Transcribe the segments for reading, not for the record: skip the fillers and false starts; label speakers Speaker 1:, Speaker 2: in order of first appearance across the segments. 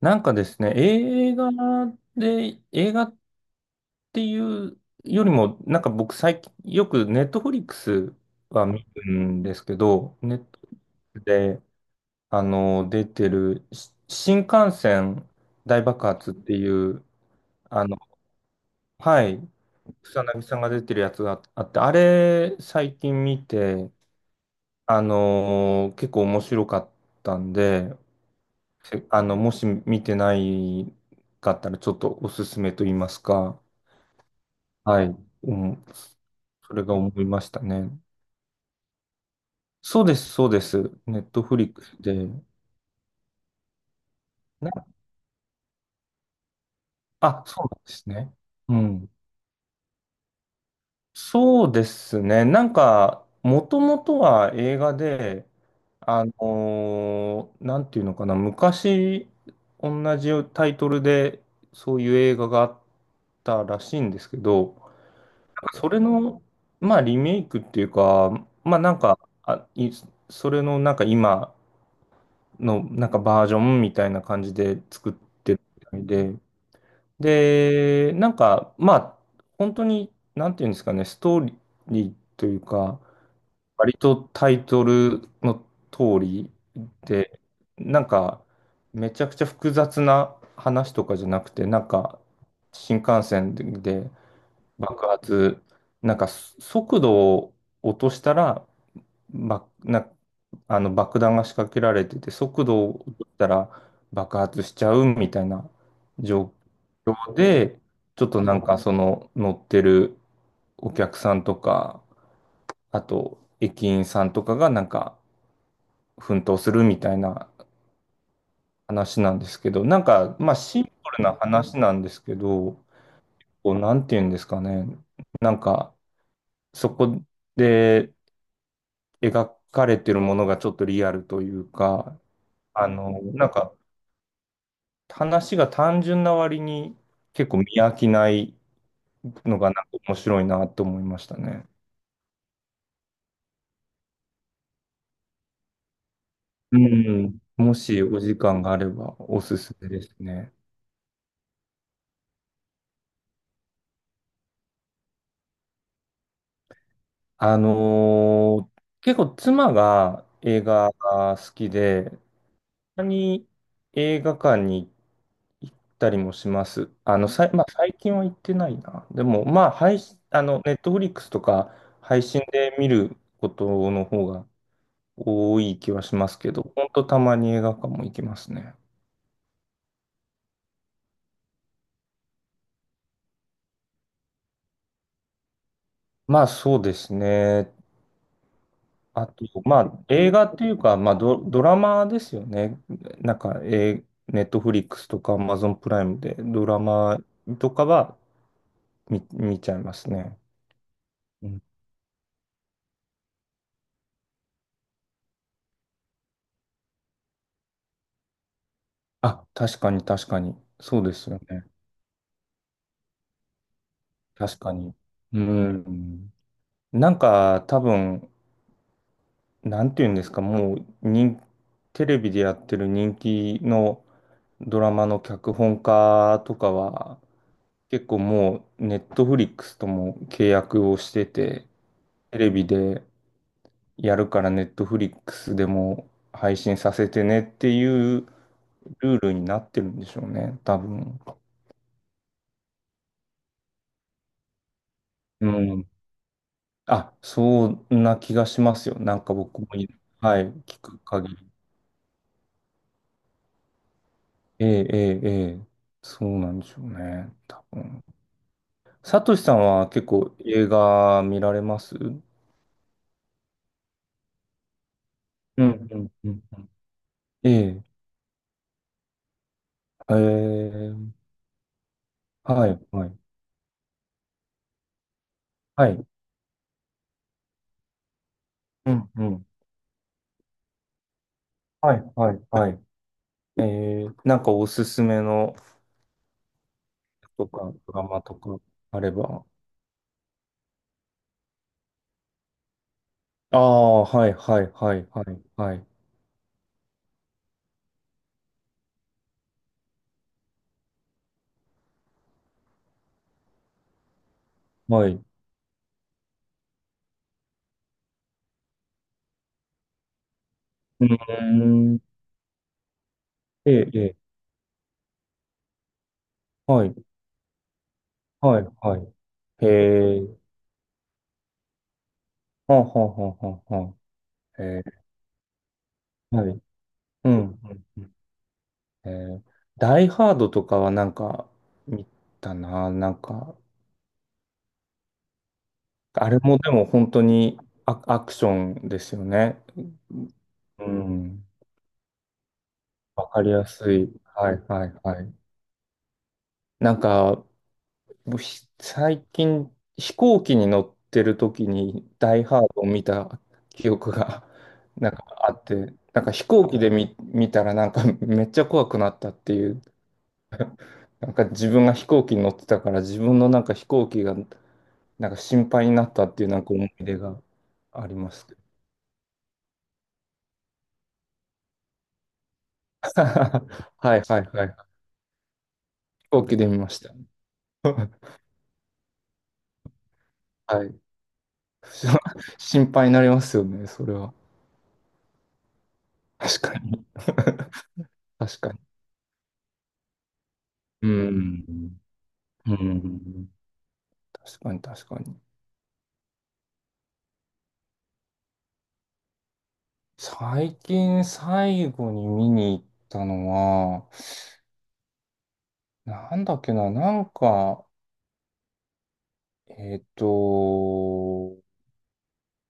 Speaker 1: なんかですね、映画で、映画っていうよりも、なんか僕最近、よくネットフリックスは見るんですけど、ネットフリックスで、出てる、し新幹線大爆発っていう、あの、はい、草薙さんが出てるやつがあって、あれ、最近見て、結構面白かったんで、せあの、もし見てないかったら、ちょっとおすすめと言いますか、はい。うん。それが思いましたね。そうです、そうです。ネットフリックスで。な、あ、そうなんですね。うん。そうですね。もともとは映画で、あのなんていうのかな、昔、同じタイトルで、そういう映画があったらしいんですけど、それの、まあ、リメイクっていうか、まあ、なんか、あ、い、それの、今のなんかバージョンみたいな感じで作ってるみたいで、で、本当になんていうんですかね、ストーリーというか、割とタイトルの通りで、なんかめちゃくちゃ複雑な話とかじゃなくて、なんか新幹線で爆発、なんか速度を落としたらば、な、あの爆弾が仕掛けられてて、速度を落としたら爆発しちゃうみたいな状況で、ちょっとなんかその乗ってるお客さんとか、あと駅員さんとかがなんか奮闘するみたいな話なんですけど、なんかまあシンプルな話なんですけど、こうなんていうんですかね、なんかそこで描かれてるものがちょっとリアルというか、なんか話が単純な割に結構見飽きないのがなんか面白いなと思いましたね。うん。もしお時間があればおすすめですね。結構妻が映画が好きで、たまに映画館に行ったりもします。まあ、最近は行ってないな。でも、まあ、配信、あの、ネットフリックスとか配信で見ることの方が多い気はしますけど、ほんとたまに映画館も行きますね。まあそうですね。あと、まあ映画っていうか、ドラマですよね。なんか、ネットフリックスとか Amazon プライムでドラマとかは見ちゃいますね。うん、あ、確かに確かに。そうですよね。確かに。うん。なんか多分、なんていうんですか、もう人、テレビでやってる人気のドラマの脚本家とかは、結構もう、ネットフリックスとも契約をしてて、テレビでやるからネットフリックスでも配信させてねっていうルールになってるんでしょうね、多分。うん。あ、そんな気がしますよ。なんか僕も、はい、聞く限り。ええ、ええ、ええ、そうなんでしょうね、多分。サトシさんは結構映画見られますうん、うん、うん、うん。ええ、ええ、はい、はい、はい。うん、うん。はい、はい、はい。ええ、なんかおすすめのとか、ドラマとかあれば。ああ、はい、はい、はい、はい、はい、はい。うんーん。ええ、ええ、はい、はい、はい。へえ、はあ、はあ、はあ、はあ、はあ。ええ、はい、うん、うん、うん。えー、ダイハードとかはなんか見たな、なんか、あれもでも本当にアクションですよね。うん、わかりやすい。はいはいはい。なんか、もうひ最近飛行機に乗ってる時にダイハードを見た記憶が なんかあって、なんか飛行機で見たらなんかめっちゃ怖くなったっていう、なんか自分が飛行機に乗ってたから自分のなんか飛行機がなんか心配になったっていうなんか思い出がありますけど。はいはいはい。飛行機で見ました。はい。心配になりますよね、それは。確かに。確かに。うん。うん。確かに確かに。最近最後に見に行ったのは、なんだっけな、なんか、えっと、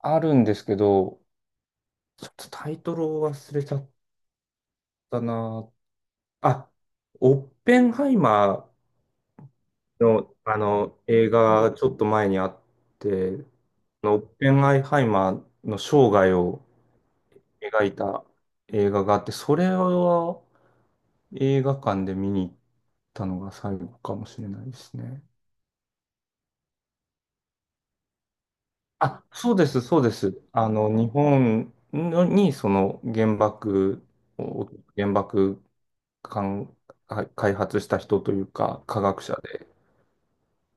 Speaker 1: あるんですけど、ちょっとタイトルを忘れちゃったな。あ、オッペンハイマーの、あの映画がちょっと前にあって、あのオッペンハイマーの生涯を描いた映画があって、それは映画館で見に行ったのが最後かもしれないですね。あ、そうです、そうです。あの、日本のにその原爆を、原爆かん開発した人というか、科学者で、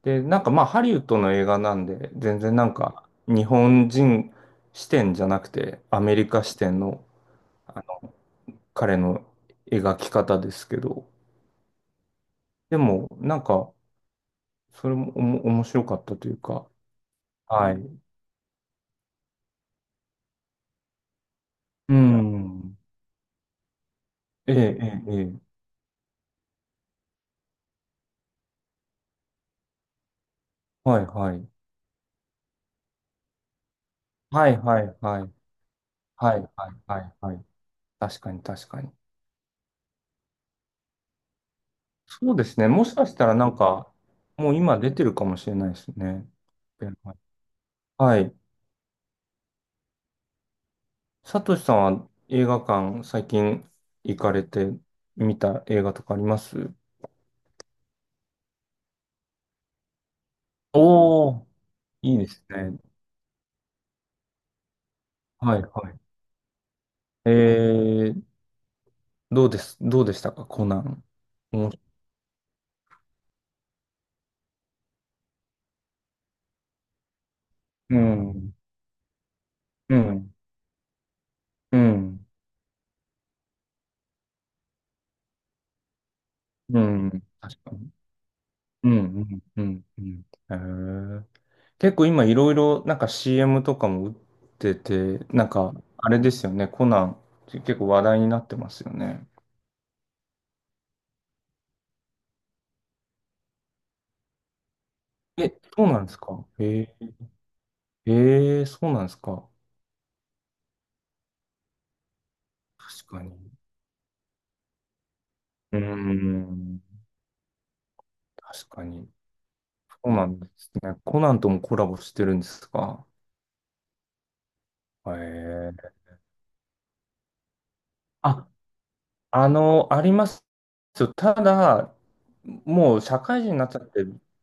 Speaker 1: で、なんかまあハリウッドの映画なんで、全然なんか日本人視点じゃなくてアメリカ視点の、あの彼の描き方ですけど、でもなんかそれも面白かったというか、はい。うん。ええ、ええ、ええ。はい、はい。はい、はい、はい。はい、はい、はい、はい。確かに、確かに。そうですね。もしかしたらなんか、もう今出てるかもしれないですね。はい。サトシさんは映画館最近行かれて見た映画とかあります？おおー、いいですね。はいはい。えー、どうです、どうでしたか、コナン。面白うん、うん、うん、うん、確かに。うん、うん、うん、うん。えー、結構今いろいろなんか CM とかも打ってて、なんかあれですよね、コナン結構話題になってますよね。え、そうなんですか。え、ええ、そうなんですか。確かに。うーん。確かに。そうなんですね。コナンともコラボしてるんですか？ええ。あ、あの、あります。ただ、もう社会人になっちゃって、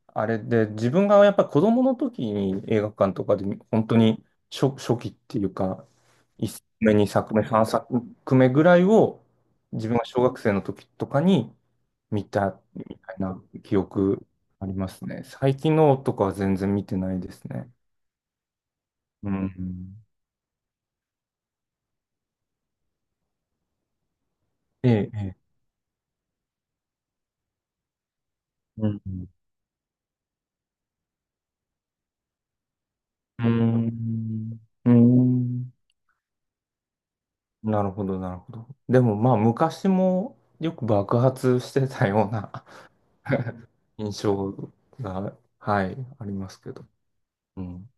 Speaker 1: あれで、自分がやっぱり子供の時に映画館とかで、本当に初期っていうか、1作目、2作目、3作目ぐらいを、自分が小学生の時とかに見たみたいな記憶ありますね。最近のとかは全然見てないですね。うん。ええ、ええ。うん。うん。うん。なるほど、なるほど。でもまあ昔もよく爆発してたような 印象が、はい、ありますけど。うん。